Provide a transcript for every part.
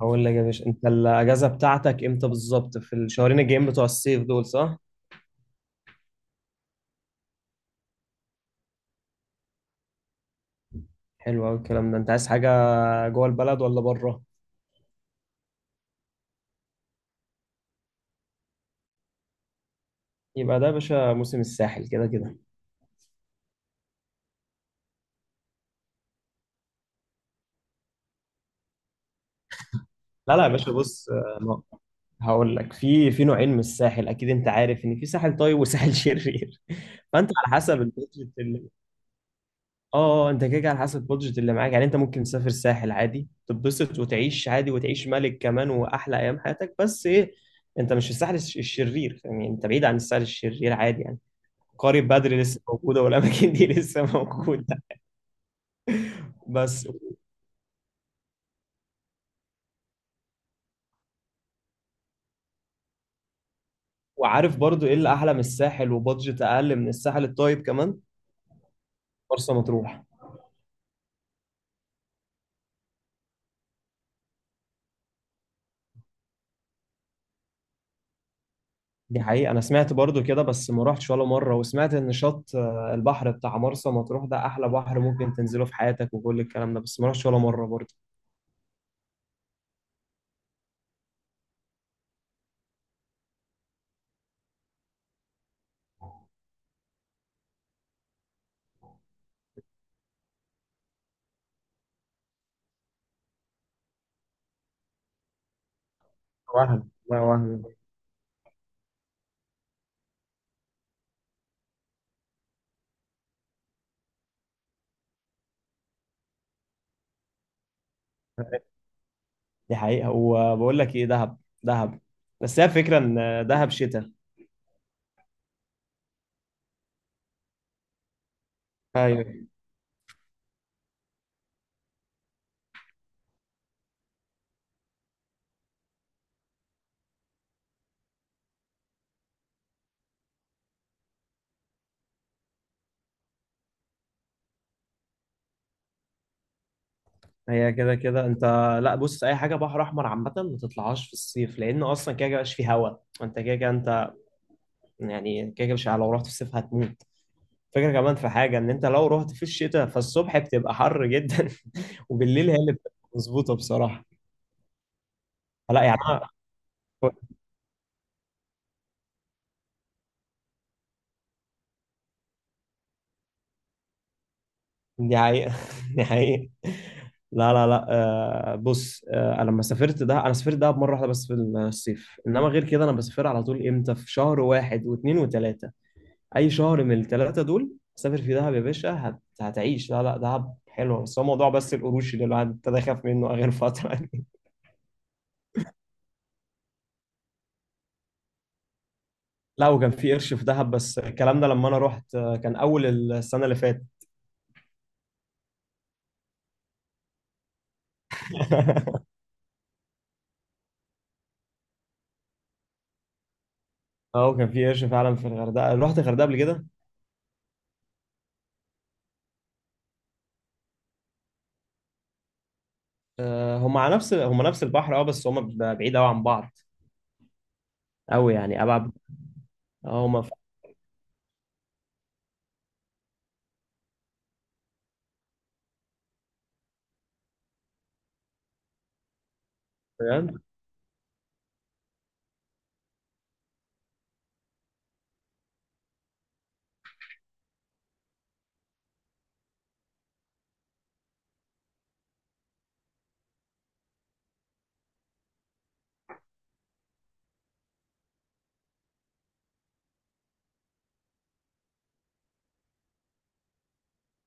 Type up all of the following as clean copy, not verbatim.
هقول لك يا باشا، انت الاجازه بتاعتك امتى بالظبط؟ في الشهرين الجايين بتوع الصيف دول، صح؟ حلو قوي الكلام ده. انت عايز حاجه جوه البلد ولا بره؟ يبقى ده يا باشا موسم الساحل كده كده. لا لا يا باشا، بص هقول لك، في نوعين من الساحل، اكيد انت عارف ان في ساحل طيب وساحل شرير، فانت على حسب البادجت. اه انت كده كده على حسب البادجت اللي معاك، يعني انت ممكن تسافر الساحل عادي، تتبسط وتعيش عادي، وتعيش ملك كمان واحلى ايام حياتك، بس ايه؟ انت مش في الساحل الشرير، يعني انت بعيد عن الساحل الشرير عادي يعني. قرية بدر لسه موجودة، والأماكن دي لسه موجودة. بس وعارف برضو إيه اللي أحلى من الساحل وبادجت أقل من الساحل الطيب كمان؟ مرسى مطروح. دي حقيقة، أنا سمعت برضو كده بس ما رحتش ولا مرة، وسمعت إن شط البحر بتاع مرسى مطروح ده أحلى بحر ممكن تنزله في حياتك، وكل الكلام ده، بس ما رحتش ولا مرة برضو. وهم لا وهم. دي حقيقة. وبقول لك ايه؟ دهب. دهب، بس هي فكرة ان دهب شتاء. ايوه. هي كده كده انت. لا بص، اي حاجة بحر احمر عامة ما تطلعهاش في الصيف، لان اصلا كده كده مبقاش فيه هوا. انت كده كده انت. يعني كده كده مش لو رحت في الصيف هتموت. فكرة كمان في حاجة، ان انت لو رحت في الشتاء فالصبح بتبقى حر جدا، وبالليل هي اللي بتبقى مظبوطة بصراحة. لا يعني. دي حقيقة. دي حقيقة. لا لا لا. آه بص، أنا لما سافرت ده، أنا سافرت ده مرة واحدة بس في الصيف، إنما غير كده أنا بسافر على طول إمتى؟ في شهر واحد واثنين وثلاثة، أي شهر من الثلاثة دول. سافر في دهب يا باشا، هتعيش. لا لا، دهب حلوة، بس هو موضوع بس القروش اللي الواحد ابتدى يخاف منه آخر فترة يعني. لا وكان في قرش في دهب، بس الكلام ده لما أنا رحت كان أول السنة اللي فاتت. أه، وكان في قرش فعلا في الغردقة. رحت الغردقة قبل كده؟ آه، هم على نفس، هم نفس البحر، اه بس هم بعيد قوي عن بعض، قوي يعني، ابعد. اه هم في السودان.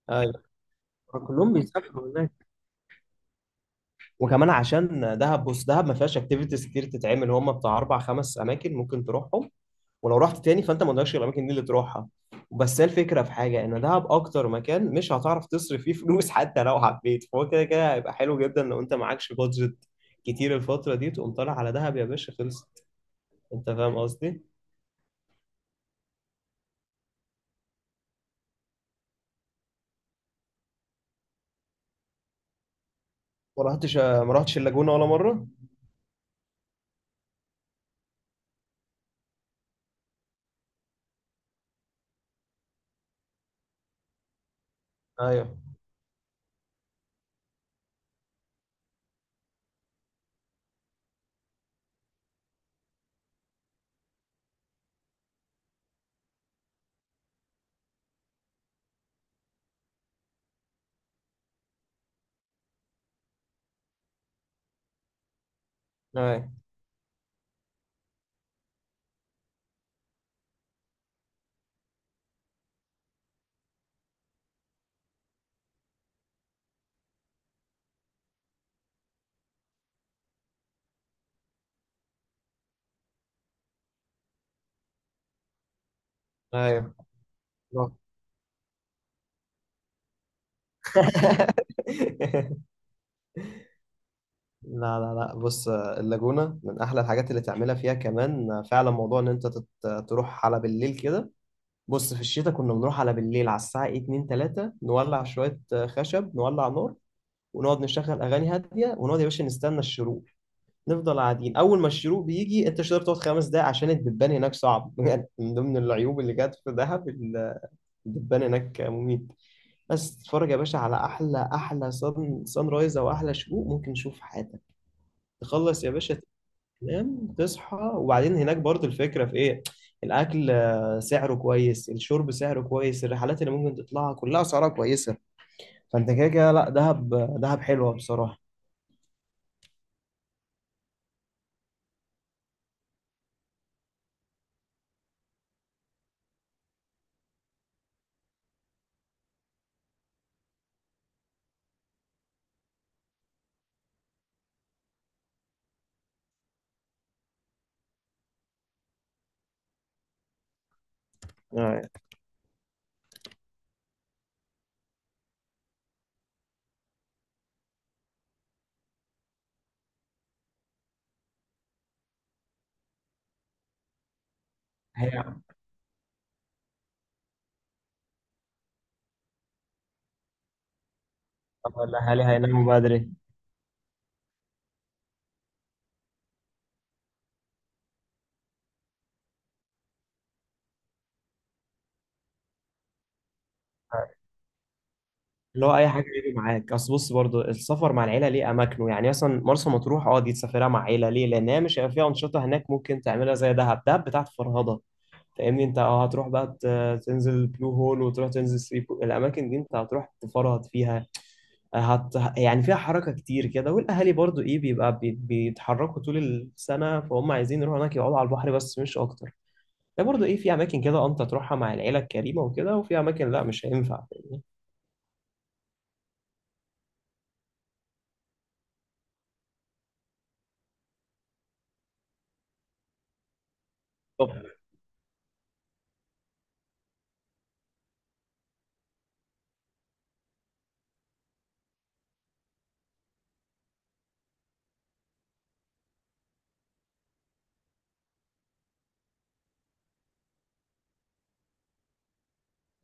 ايوه، كلهم بيسافروا هناك. وكمان عشان دهب، بص دهب ما فيهاش اكتيفيتيز كتير تتعمل، هم بتاع اربع خمس اماكن ممكن تروحهم، ولو رحت تاني فانت ما قدامكش غير الاماكن دي اللي تروحها. بس هي الفكره في حاجه، ان دهب اكتر مكان مش هتعرف تصرف فيه فلوس، حتى لو حبيت، فهو كده كده هيبقى حلو جدا لو انت معكش بادجت كتير. الفتره دي تقوم طالع على دهب يا باشا، خلصت. انت فاهم قصدي؟ ما رحتش اللاجونه ولا مره؟ ايوه. ايوه. ايوه. لا. لا لا لا. بص، اللاجونة من أحلى الحاجات اللي تعملها فيها، كمان فعلا موضوع إن أنت تروح على بالليل كده. بص، في الشتاء كنا بنروح على بالليل على الساعة 2 3، نولع شوية خشب، نولع نار، ونقعد نشغل أغاني هادية، ونقعد يا باشا نستنى الشروق. نفضل قاعدين، أول ما الشروق بيجي أنت مش هتقدر تقعد خمس دقايق عشان الدبان هناك صعب، يعني من ضمن العيوب اللي جت في دهب الدبان هناك مميت. بس تتفرج يا باشا على احلى احلى صن رايز، او احلى شروق ممكن تشوف في حياتك، تخلص يا باشا، تنام، تصحى، وبعدين هناك برضه الفكره في ايه؟ الاكل سعره كويس، الشرب سعره كويس، الرحلات اللي ممكن تطلعها كلها اسعارها كويسه، فانت كده كده، لا دهب، دهب حلوه بصراحه. آه، هي طب الاهالي هيناموا بدري؟ آه. اللي هو اي حاجه يجي معاك، اصل بص برضو السفر مع العيله ليه اماكنه، يعني مثلا مرسى مطروح، اه دي تسافرها مع عيله ليه، لان هي مش هيبقى فيها انشطه هناك ممكن تعملها زي دهب، دهب بتاعت فرهضه، فاهمني انت؟ اه هتروح بقى تنزل البلو هول، وتروح تنزل الاماكن دي انت هتروح تفرهد فيها. يعني فيها حركه كتير كده، والاهالي برضو ايه، بيبقى بيتحركوا طول السنه، فهم عايزين يروحوا هناك يقعدوا على البحر بس، مش اكتر. ده برضو ايه، في اماكن كده اه انت تروحها مع العيله الكريمه وكده، وفي اماكن لا مش هينفع، فاهمني؟ طب.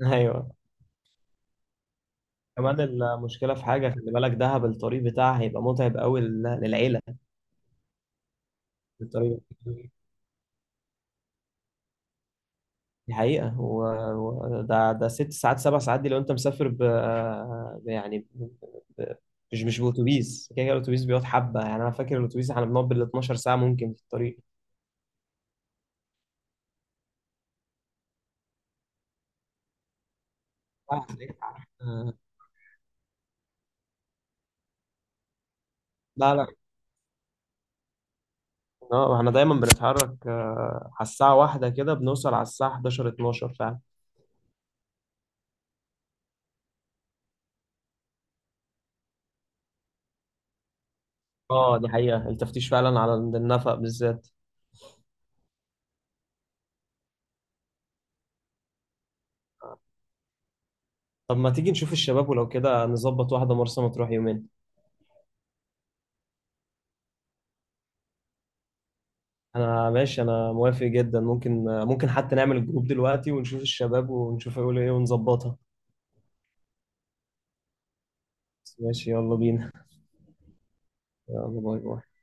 ايوه. كمان المشكله في حاجه، خلي بالك دهب الطريق بتاعها هيبقى متعب قوي للعيله. الطريق، دي حقيقة. و... ده ده ست ساعات سبع ساعات دي، لو أنت مسافر ب- يعني ب... ب... مش بأتوبيس، كده كده الأتوبيس بيقعد حبة، يعني أنا فاكر الأتوبيس إحنا بنقعد بال 12 ساعة ممكن في الطريق. آه، لا لا. اه احنا دايما بنتحرك على الساعة واحدة كده، بنوصل على الساعة 11 12 فعلا. اه دي حقيقة، التفتيش فعلا على النفق بالذات. طب ما تيجي نشوف الشباب، ولو كده نظبط واحدة مرسى مطروح يومين. انا ماشي، انا موافق جدا، ممكن حتى نعمل الجروب دلوقتي ونشوف الشباب ونشوف هيقولوا ايه، ونظبطها. ماشي، يلا بينا. يلا، باي باي.